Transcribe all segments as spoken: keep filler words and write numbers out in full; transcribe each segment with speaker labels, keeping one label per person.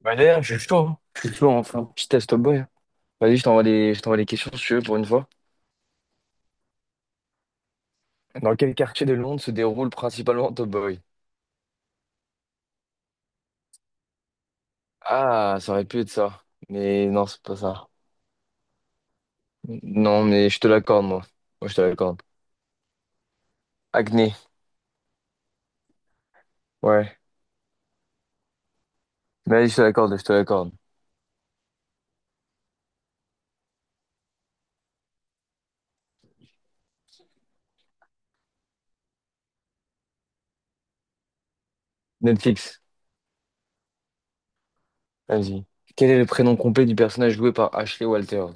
Speaker 1: Bah d'ailleurs, je suis chaud, hein. Je suis chaud, enfin. Petit test, Top Boy, hein. Vas-y, je t'envoie les... je t'envoie les questions si tu veux pour une fois. Dans quel quartier de Londres se déroule principalement Top Boy? Ah, ça aurait pu être ça. Mais non, c'est pas ça. Non, mais je te l'accorde, moi. Moi, je te l'accorde. Acné. Ouais. Mais vas-y, je te l'accorde, je te l'accorde. Netflix. Vas-y. Quel est le prénom complet du personnage joué par Ashley Walter?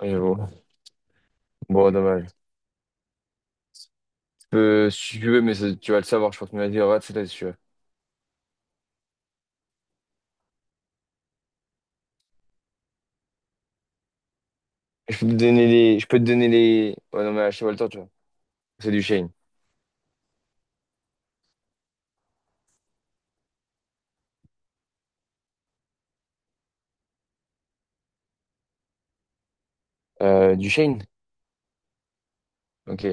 Speaker 1: J'avoue. Bon, Bon, dommage. Tu peux, si tu veux, mais ça- tu vas le savoir, je pense. Mais vas-y, regarde, c'est là, si tu veux. Je peux te donner les. Je peux te donner les. Ouais, non, mais Ashley Walter, tu vois. C'est du Shane. Euh, du Shane? Ok.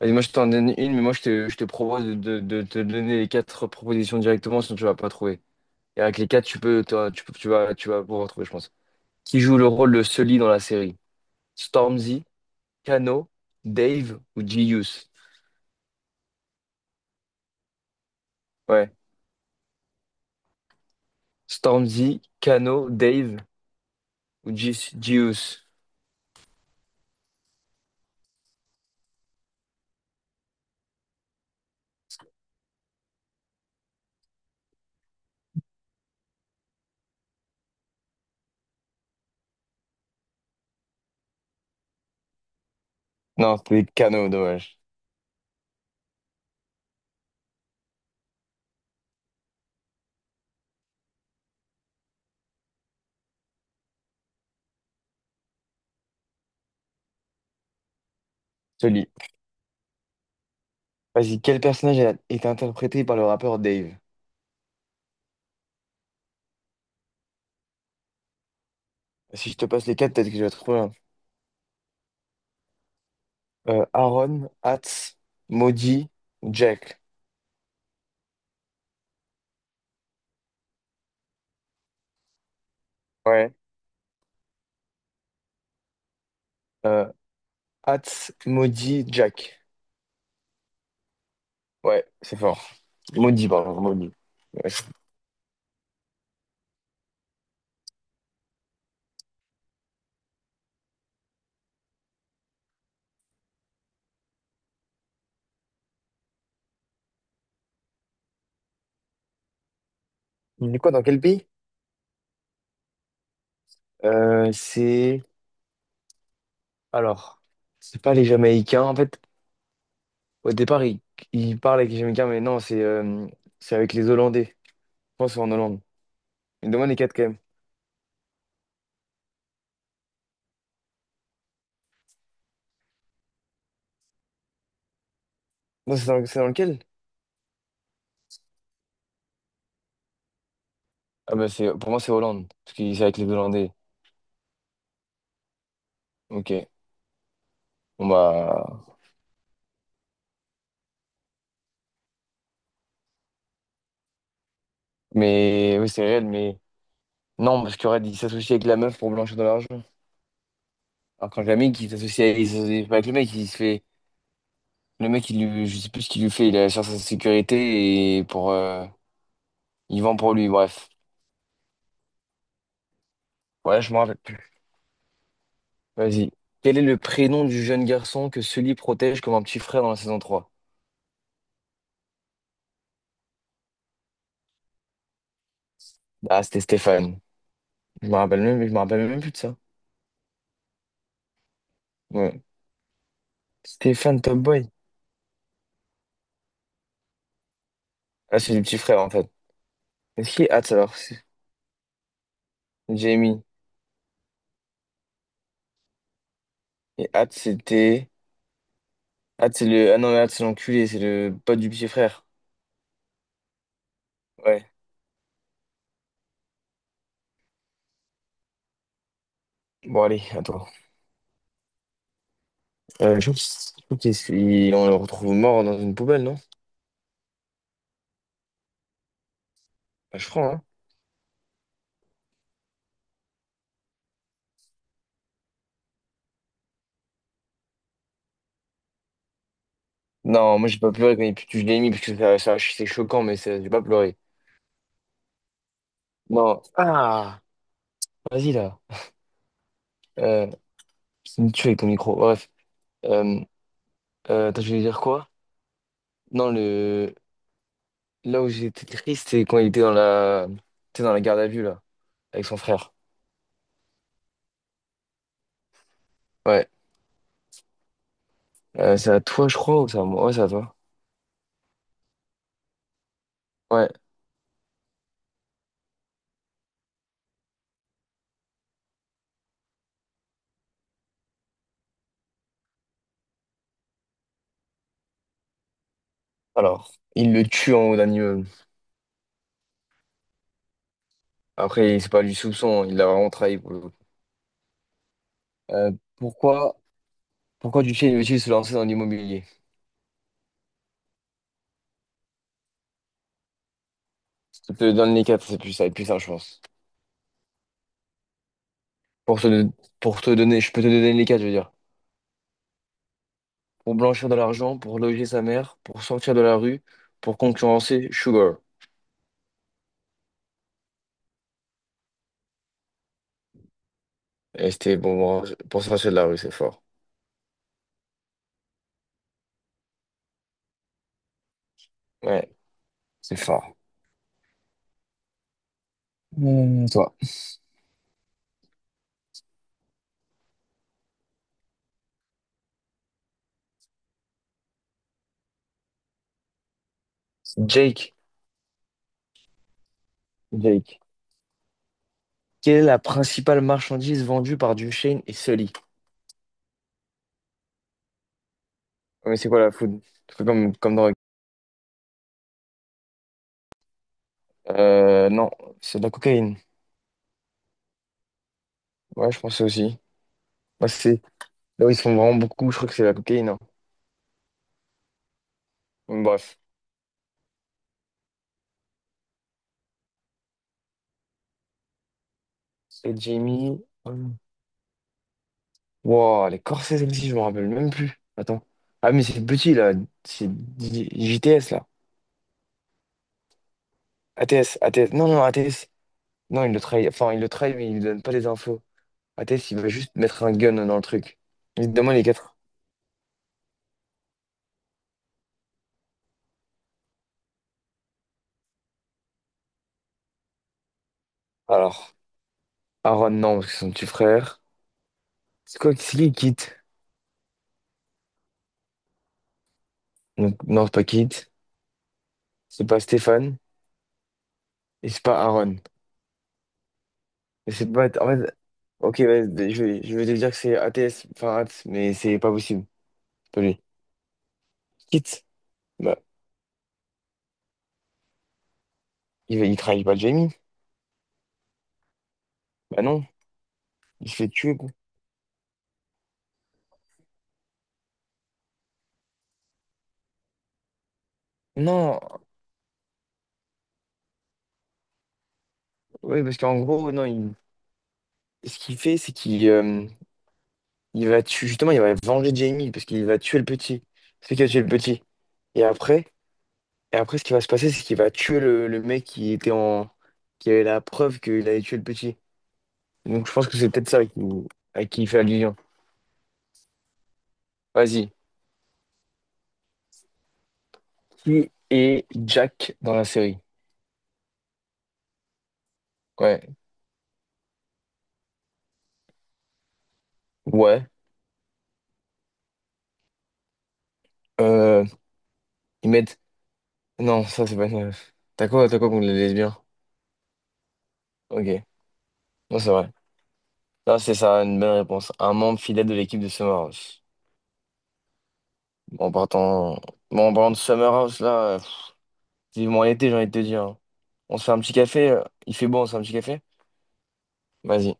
Speaker 1: Allez, moi, je t'en donne une, mais moi, je te, je te propose de, de, de te donner les quatre propositions directement, sinon tu vas pas trouver. Et avec les quatre, tu peux, t'auras- tu peux, tu vas, tu vas pouvoir trouver, je pense. Qui joue le rôle de Sully dans la série? Stormzy, Kano, Dave ou Gius? Ouais. Stormzy, Kano, Dave ou Gi- Gius? Non, c'était Kano, dommage. Sully. Vas-y, quel personnage a été interprété par le rappeur Dave? Si je te passe les quatre, peut-être que je vais trouver. Euh, Aaron, Hatz, Maudit, Jack. Ouais. Euh, Hatz, Maudit, Jack. Ouais, c'est fort. Maudit, pardon, Maudit. Ouais. Il est quoi, dans quel pays? Euh, c'est... Alors, c'est pas les Jamaïcains. En fait, au départ, ils il parlent avec les Jamaïcains, mais non, c'est euh, c'est avec les Hollandais. Je pense que c'est en Hollande. Mais demande les quatre quand même. Non, c'est dans, c'est dans lequel? Ah bah, c'est, pour moi, c'est Hollande. Parce que c'est avec les Hollandais. Ok. Bon, bah. Mais oui, c'est réel, mais. Non, parce qu'il aurait dit s'associer avec la meuf pour blanchir de l'argent. Alors quand le qui s'associe avec, il s'associe pas avec le mec, il se fait. Le mec, il lui, je sais plus ce qu'il lui fait, il assure sa sécurité et pour. Euh, il vend pour lui, bref. Ouais, je me rappelle plus. Vas-y. Quel est le prénom du jeune garçon que Sully protège comme un petit frère dans la saison trois? Ah, c'était Stéphane. Je me rappelle même, je me rappelle même plus de ça. Ouais. Stéphane Top Boy. Ah, c'est le petit frère en fait. Est-ce qu'il est Hatz alors? C'est Jamie. Et Hatz, c'était. Hatz, c'est le. Ah non, mais Hatz, c'est l'enculé, c'est le pote du petit frère. Ouais. Bon, allez, attends. Euh, je trouve qu'il il- on le retrouve mort dans une poubelle, non? Bah, je crois, hein. Non, moi, j'ai pas pleuré quand il pue- je l'ai mis, parce que ça, ça- c'est choquant, mais ça- j'ai pas pleuré. Non. Ah! Vas-y, là. Euh, c'est une tuerie, ton micro. Bref. Euh, euh, Attends, je voulais dire quoi? Non, le. Là où j'étais triste, c'est quand il était dans la... t'es dans la garde à vue, là, avec son frère. Ouais. Euh, c'est à toi, je crois, ou c'est à moi? Ouais, c'est à toi. Ouais. Alors, il le tue en haut d'un immeuble. Après, c'est pas du soupçon, il l'a vraiment trahi. Euh, pourquoi, pourquoi Duché veut-il se lancer dans l'immobilier? Je te donne les quatre, c'est plus ça, c'est plus ça, je pense. Pour te, pour te donner, je peux te donner les quatre, je veux dire. Pour blanchir de l'argent, pour loger sa mère, pour sortir de la rue, pour concurrencer Sugar. Et c'était bon, pour sortir de la rue, c'est fort. Ouais, c'est fort. Hum, toi. Jake, Jake. Quelle est la principale marchandise vendue par Duchesne et Sully? Ouais, mais c'est quoi la food? C'est comme, comme drogue. Euh, non, c'est de la cocaïne. Ouais, je pensais aussi. Moi, là où ils sont vraiment beaucoup, je crois que c'est la cocaïne, hein. Donc, bref. Et Jamie. Euh, Wow, les Corsairs aussi, je me rappelle même plus. Attends. Ah, mais c'est petit, là. C'est J- JTS, là. ATS, ATS. Non, non, ATS. Non, il le trahit. Enfin, il le trahit, mais il lui donne pas les infos. A T S, il va juste mettre un gun dans le truc. Évidemment, les quatre. Alors, Aaron, non, parce que c'est son petit frère. C'est quoi? C'est qui Kit? Donc, non, c'est pas Kit. C'est pas Stéphane. Et c'est pas Aaron. Mais c'est pas. En fait. Ok, ouais, je vais, je vais te dire que c'est A T S, enfin A T S, mais c'est pas possible. Pas lui. Kit, bah, il, va- il trahit pas Jamie. Bah non, il se fait tuer, quoi. Non, oui, parce qu'en gros, non, il- ce qu'il fait, c'est qu'il euh, il va tuer, justement, il va venger Jamie, parce qu'il va tuer le petit. C'est qui a tué le petit. Et après, et après, ce qui va se passer, c'est qu'il va tuer le, le mec qui était en... qui avait la preuve qu'il avait tué le petit. Donc je pense que c'est peut-être ça qui- à qui il fait allusion. Vas-y. Qui est Jack dans la série? Ouais. Ouais. Euh, Ils mettent. Non, ça, c'est pas une. T'as quoi, t'as quoi contre les lesbiens? Ok. Non, c'est vrai. Là, c'est ça, une bonne réponse. Un membre fidèle de l'équipe de Summer House. Bon, en partant. Bon, en parlant de Summer House, là... euh, pff, vivement l'été, j'ai envie de te dire, hein. On se fait un petit café. euh, Il fait beau, on se fait un petit café? Vas-y.